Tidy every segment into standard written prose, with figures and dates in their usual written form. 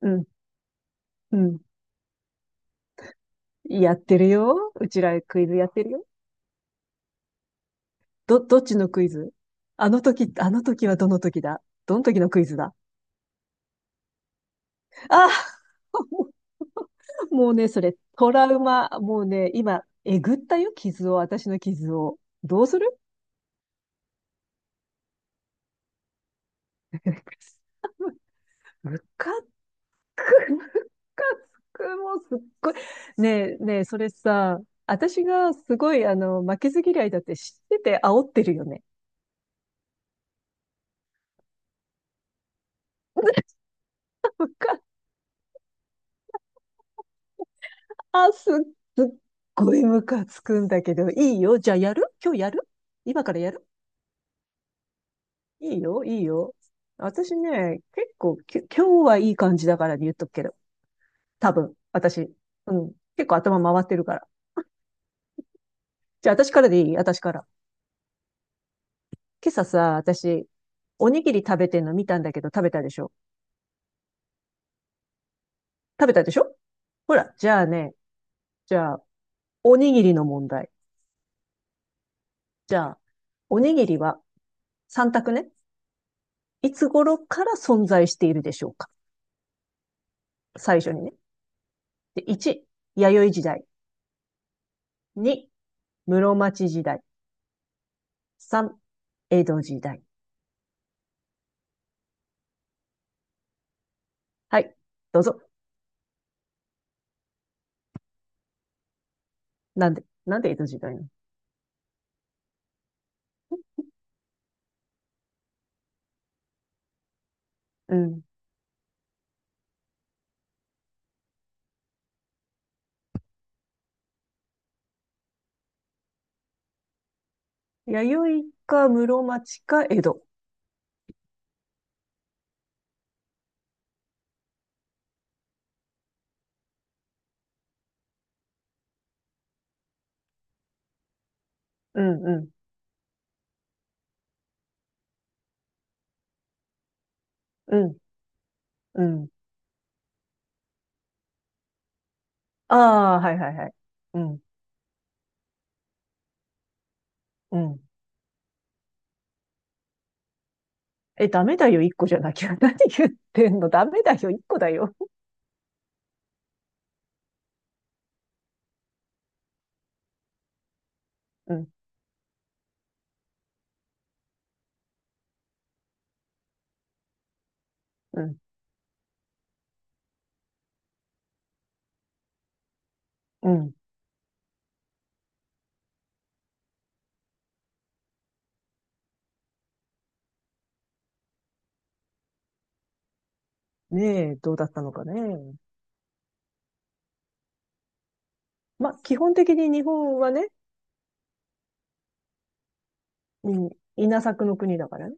うん、うん。やってるよ。うちらクイズやってるよ。どっちのクイズ？あの時、あの時はどの時だ？どの時のクイズだ？あ、 もうね、それ、トラウマ。もうね、今、えぐったよ、傷を、私の傷を。どうする？むかつく、むかつく、もうすっごい。ねえ、ねえ、それさ、私がすごい、あの、負けず嫌いだって知ってて煽ってるよね。あ、すっごいムカつくんだけど、いいよ。じゃあやる？今日やる？今からやる？いいよ、いいよ。私ね、結構、今日はいい感じだから言っとくけど。多分、私。うん。結構頭回ってるから。じゃあ私からでいい？私から。今朝さ、私、おにぎり食べてんの見たんだけど、食べたでしょ？食べたでしょ？ほら、じゃあね、じゃあ、おにぎりの問題。じゃあ、おにぎりは3択ね。いつ頃から存在しているでしょうか？最初にね。で、1、弥生時代。2、室町時代。3、江戸時代。はい。どうぞ。なんで、なんで江戸時代なの？うん。弥生か室町か江戸。うん、うん、うん、うん。ああ、はいはいはい。うん、うん。え、ダメだよ、1個じゃなきゃ。何言ってんの？ダメだよ、1個だよ。うん、うん、うん。ねえ、どうだったのかね。ま、基本的に日本はね、うん、稲作の国だからね。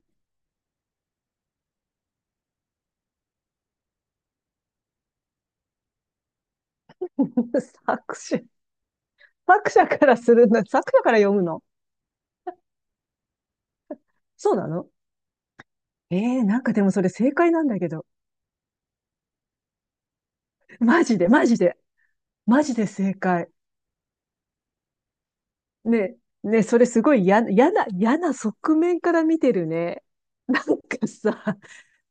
作詞。作者からするんだ。作者から読むの？そうなの？ええー、なんかでもそれ正解なんだけど。マジで、マジで、マジで正解。ね、ね、それすごい嫌な、嫌な、嫌な側面から見てるね。なんかさ、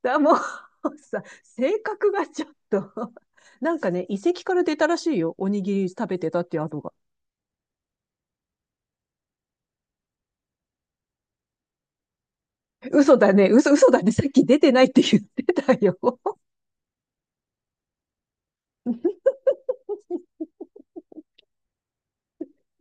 だもうさ、性格がちょっと。なんかね、遺跡から出たらしいよ。おにぎり食べてたっていう跡が。嘘だね、嘘、嘘だね。さっき出てないって言ってたよ。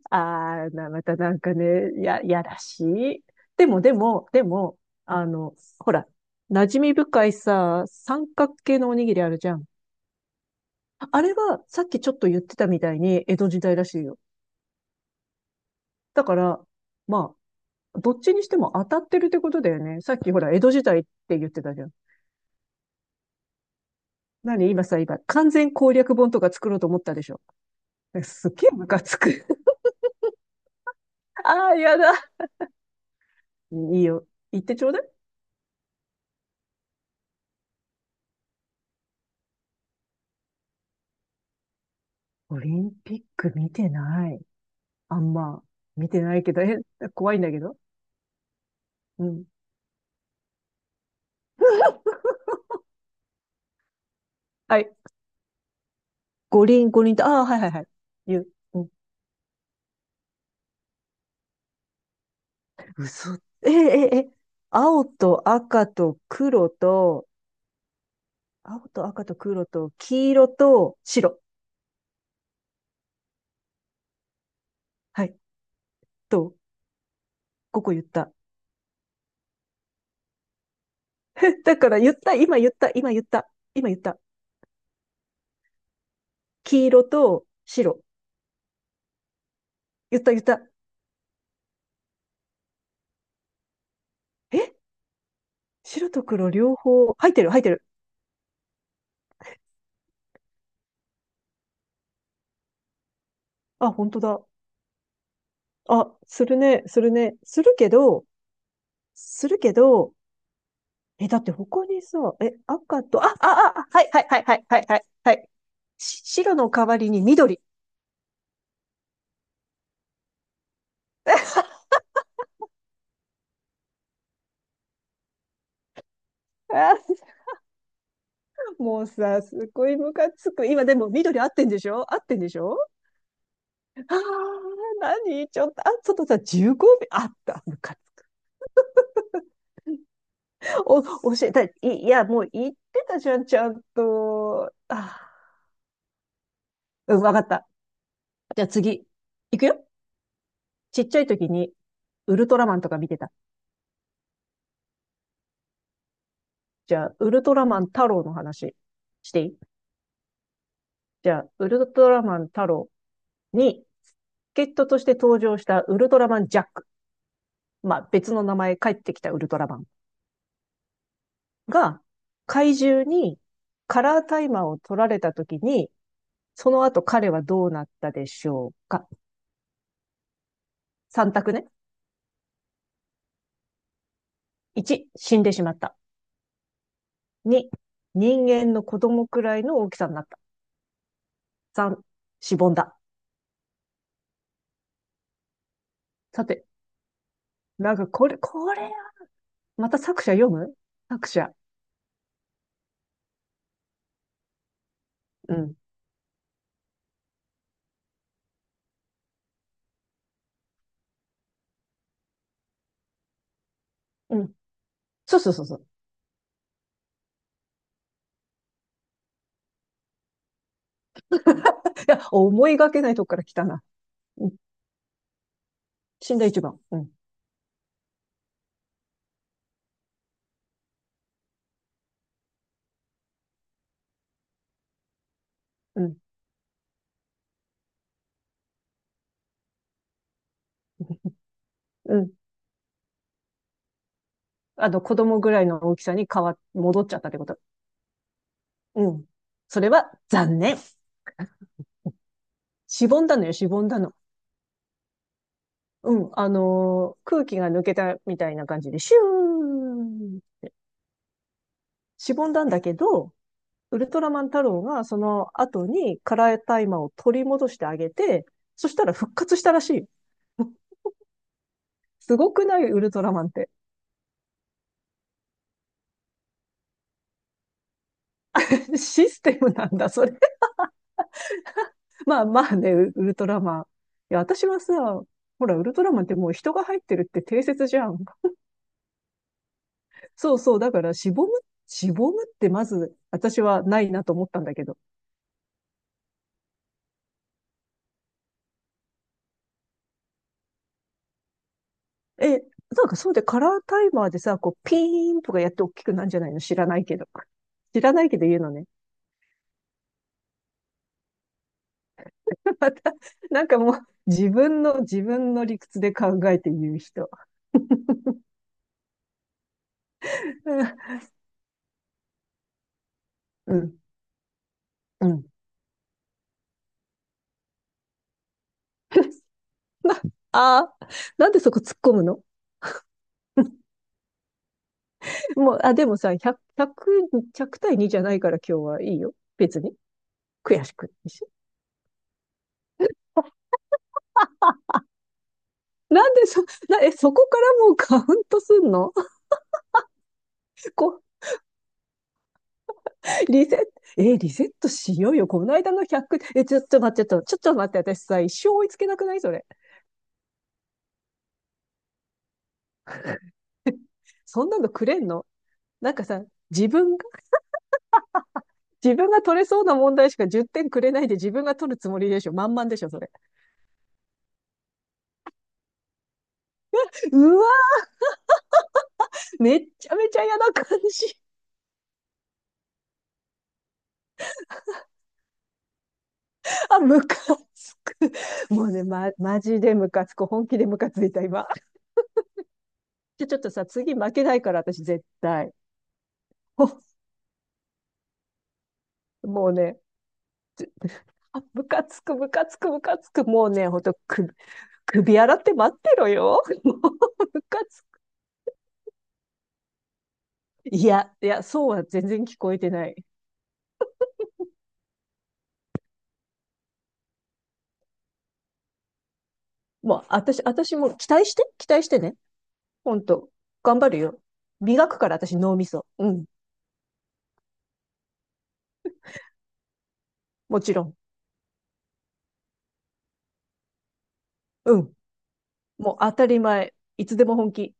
あーな、またなんかね、やらしい。でも、でも、でも、あの、ほら、馴染み深いさ、三角形のおにぎりあるじゃん。あれは、さっきちょっと言ってたみたいに、江戸時代らしいよ。だから、まあ、どっちにしても当たってるってことだよね。さっきほら、江戸時代って言ってたじゃん。何今さ、今、完全攻略本とか作ろうと思ったでしょ。すっげえムカつく。ああ、やだ。いいよ。言ってちょうだい。オリンピック見てない。あんま見てないけど、え、怖いんだけど。うん。はい。五輪、五輪と、ああ、はいはいはい。言う。うん。嘘。え、え、え、青と赤と黒と、青と赤と黒と黄色と白。はい。と、ここ言った。だから言った、今言った、今言った、今言った。黄色と白。言った、言った。え、白と黒両方、入ってる、入ってる。あ、本当だ。あ、するね、するね。するけど、するけど、え、だって他にさ、え、赤と、あ、あ、あ、あ、はいはいはいはいはいはい。はい、し白の代わりに緑。あー、もうさ、すごいムカつく。今でも緑合ってんでしょ？合ってんでしょ？ああー、何ちょっと、あ、ちょっとさ、15秒。あった、ムカつく。お、教えたい。いいや、もう言ってたじゃん、ちゃんと。あー、うん、わかった。じゃあ次。いくよ。ちっちゃい時に、ウルトラマンとか見てた？じゃあ、ウルトラマン太郎の話していい？じゃあ、ウルトラマンタロウに、ゲットとして登場したウルトラマンジャック。まあ、別の名前帰ってきたウルトラマンが、怪獣にカラータイマーを取られた時に、その後彼はどうなったでしょうか？ 3 択ね。1、死んでしまった。2、人間の子供くらいの大きさになった。3、しぼんだ。さて、なんかこれ、これ、また作者読む？作者。うん。うん。そうそうそうそう。いや、思いがけないとこから来たな。死んだ一番。うん。うん。うん。あの、子供ぐらいの大きさに戻っちゃったってこと。うん。それは残念。しぼんだのよ、しぼんだの。うん。あのー、空気が抜けたみたいな感じで、シューン。しぼんだんだけど、ウルトラマン太郎がその後にカラータイマーを取り戻してあげて、そしたら復活したらしい。すごくない、ウルトラマンって。システムなんだ、それ。まあまあね、ウルトラマン。いや、私はさ、ほら、ウルトラマンってもう人が入ってるって定説じゃん。そうそう、だからしぼむ、しぼむってまず私はないなと思ったんだけど。え、なんかそうで、カラータイマーでさ、こうピーンとかやって大きくなんじゃないの？知らないけど。知らないけど言うのね。また、なんかもう自分の、自分の理屈で考えて言う人。うん、うん。ああ、なんでそこ突っ込むの？もう、あ、でもさ、100、1 0対2じゃないから今日はいいよ。別に。悔しくないし。なんでそ、な、え、そこからもうカウントすんの？ こう、リセット、え、リセットしようよ。この間の100、え、ちょっと待って、ちょっと、ちょっと待って、私さ、一生追いつけなくないそれ。そんなのくれんの？なんかさ、自分が、自分が取れそうな問題しか10点くれないで自分が取るつもりでしょ。満々でしょ、それ。うわ、めっちゃめちゃ嫌な感じ。あ、ムカつく。もうね、マジでムカつく。本気でムカついた、今。じゃ、ちょっとさ、次負けないから、私絶対。ほ、もうね、あ、ムカつく、ムカつく、ムカつく。もうね、ほんと、首洗って待ってろよ。もう、ムカつく。いや、いや、そうは全然聞こえてない。もう、私、私も期待して、期待してね。ほんと、頑張るよ。磨くから、私、脳みそ。うん、もちろん。うん、もう当たり前。いつでも本気。